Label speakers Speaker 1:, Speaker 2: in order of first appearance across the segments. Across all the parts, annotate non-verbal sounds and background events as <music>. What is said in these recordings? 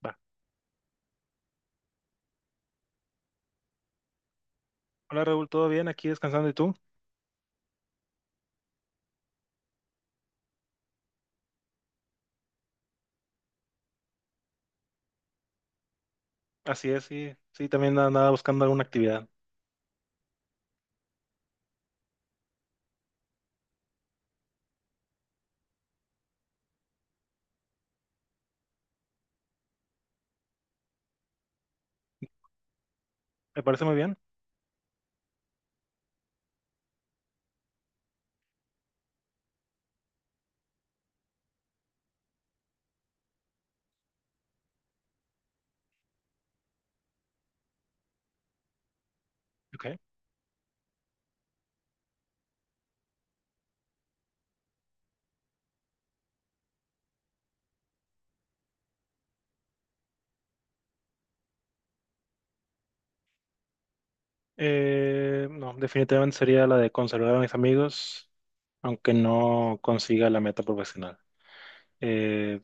Speaker 1: Va. Hola Raúl, ¿todo bien? Aquí descansando, ¿y tú? Así es, sí, sí, también andaba buscando alguna actividad. Me parece muy bien. Ok. No, definitivamente sería la de conservar a mis amigos, aunque no consiga la meta profesional. Eh,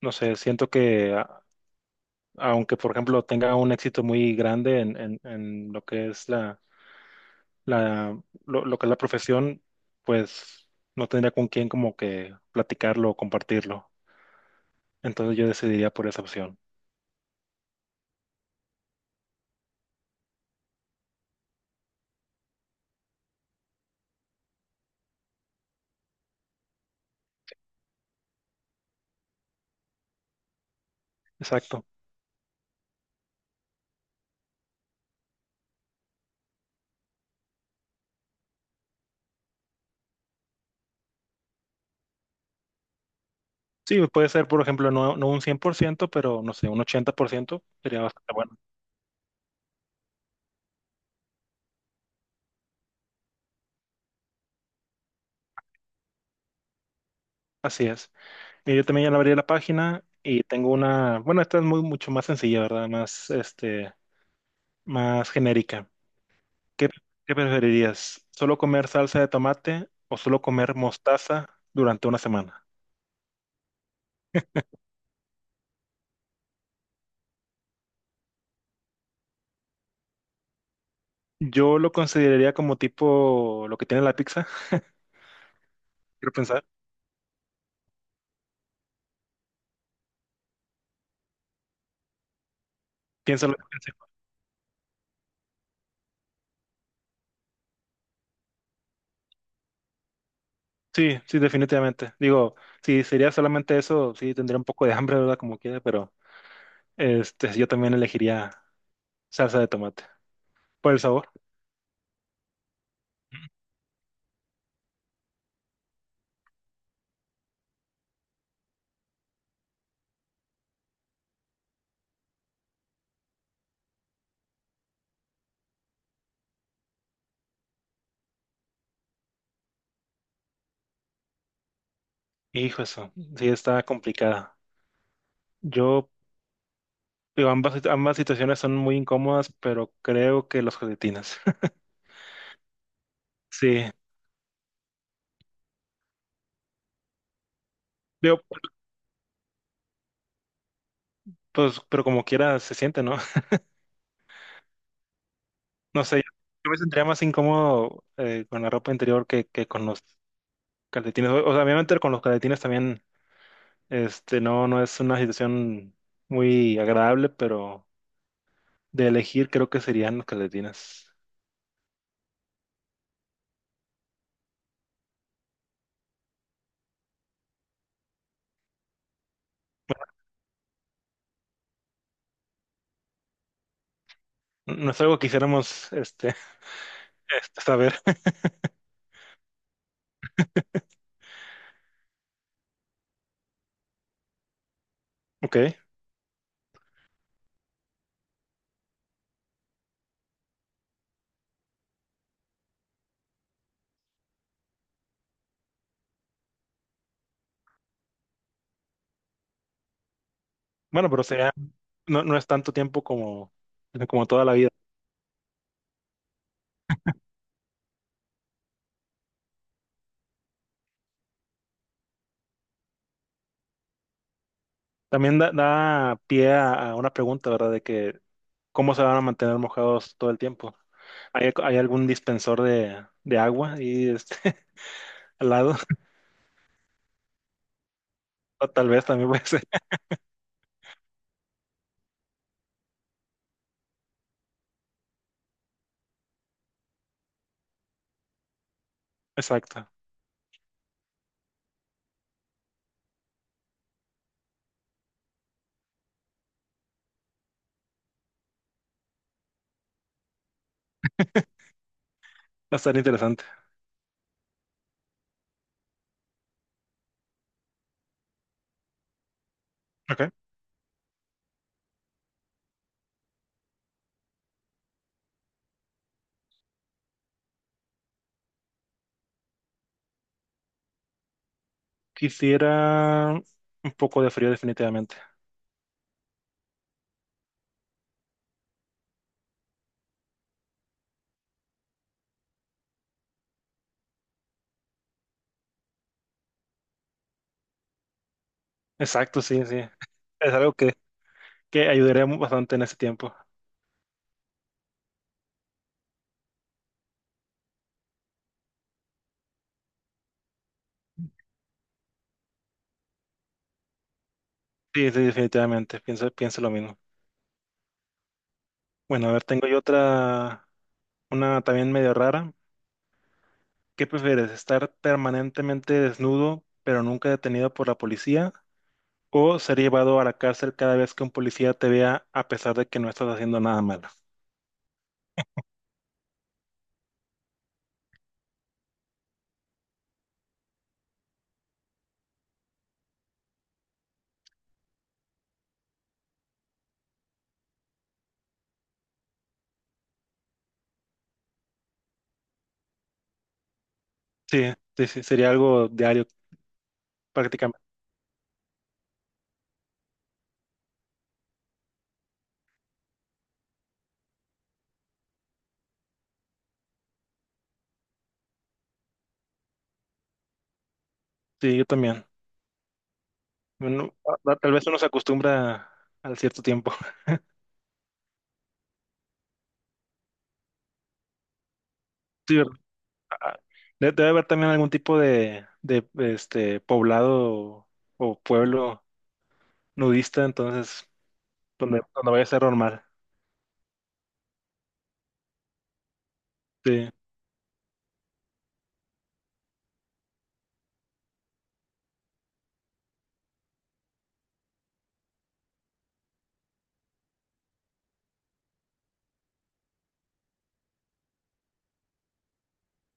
Speaker 1: no sé, siento que aunque, por ejemplo, tenga un éxito muy grande en en lo que es la lo que es la profesión, pues no tendría con quién como que platicarlo o compartirlo. Entonces yo decidiría por esa opción. Exacto. Sí, puede ser, por ejemplo, no un 100%, pero no sé, un 80% sería bastante bueno. Así es. Y yo también ya le abrí la página y tengo una, bueno, esta es muy mucho más sencilla, ¿verdad? Más, este, más genérica. ¿Qué, ¿qué preferirías? ¿Solo comer salsa de tomate o solo comer mostaza durante una semana? Yo lo consideraría como tipo lo que tiene la pizza, <laughs> quiero pensar. Piénsalo. Sí, sí, definitivamente. Digo, si sería solamente eso, sí tendría un poco de hambre, ¿verdad? Como quiera, pero... Este, yo también elegiría salsa de tomate por el sabor. Hijo, eso sí está complicada. Yo, digo, ambas situaciones son muy incómodas, pero creo que los josetinas. <laughs> Sí, digo, pues, pero como quiera se siente, ¿no? <laughs> No sé, yo me sentiría más incómodo con la ropa interior que con los calcetines. O sea, obviamente con los calcetines también, este, no es una situación muy agradable, pero de elegir creo que serían los calcetines. No no es algo que quisiéramos, este. Este, saber, <laughs> ok. Bueno, pero sería, no, no es tanto tiempo como, como toda la vida. También da pie a una pregunta, ¿verdad? De que, ¿cómo se van a mantener mojados todo el tiempo? ¿Hay algún dispensor de agua y este, <laughs> al lado? O tal vez también puede ser. <laughs> Exacto. Va a estar interesante. Ok. Quisiera un poco de frío definitivamente. Exacto, sí, sí. Es algo que, que ayudaría bastante en ese tiempo. Sí, sí, definitivamente. Pienso, pienso lo mismo. Bueno, a ver, tengo yo otra, una también medio rara. ¿Qué prefieres, estar permanentemente desnudo, pero nunca detenido por la policía? ¿O ser llevado a la cárcel cada vez que un policía te vea a pesar de que no estás haciendo nada malo? Sí, sí, sí, sería algo diario prácticamente. Sí, yo también. Bueno, tal vez uno se acostumbra al cierto tiempo. <laughs> Sí, ¿verdad? Ah, ah, debe haber también algún tipo de este, poblado o pueblo nudista, entonces, donde vaya a ser normal. Sí,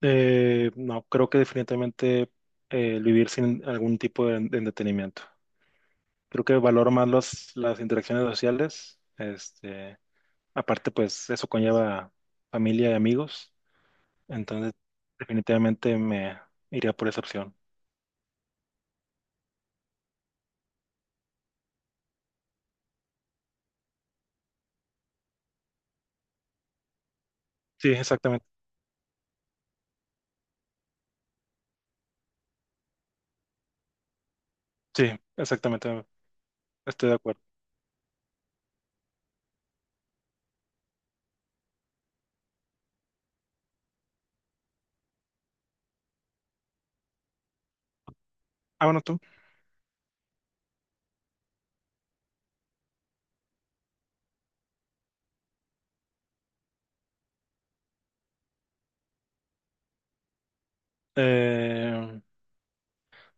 Speaker 1: no, creo que definitivamente el vivir sin algún tipo de entretenimiento. Creo que valoro más las interacciones sociales. Este, aparte, pues eso conlleva familia y amigos. Entonces, definitivamente me iría por esa opción. Sí, exactamente. Sí, exactamente. Estoy de acuerdo. Ah, bueno, tú. Eh,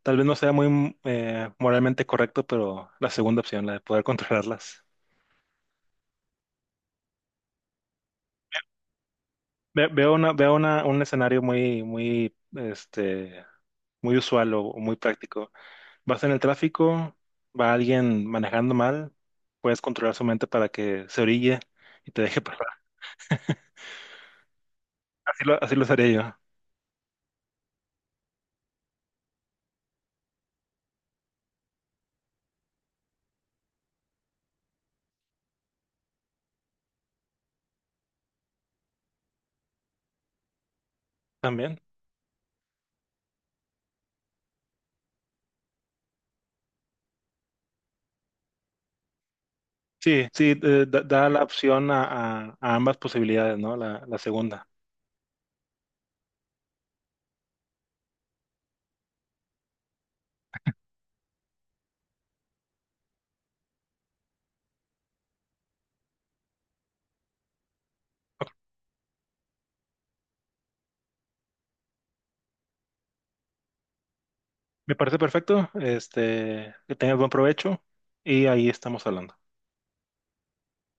Speaker 1: Tal vez no sea muy moralmente correcto, pero la segunda opción, la de poder <laughs> controlarlas. Veo una, un escenario muy, muy, este, muy usual o muy práctico. Vas en el tráfico, va alguien manejando mal, puedes controlar su mente para que se orille y te deje pasar. Así lo haría yo también. Sí, sí, da, da la opción a, a ambas posibilidades, ¿no? La segunda. Me parece perfecto, este, que tengas buen provecho y ahí estamos hablando.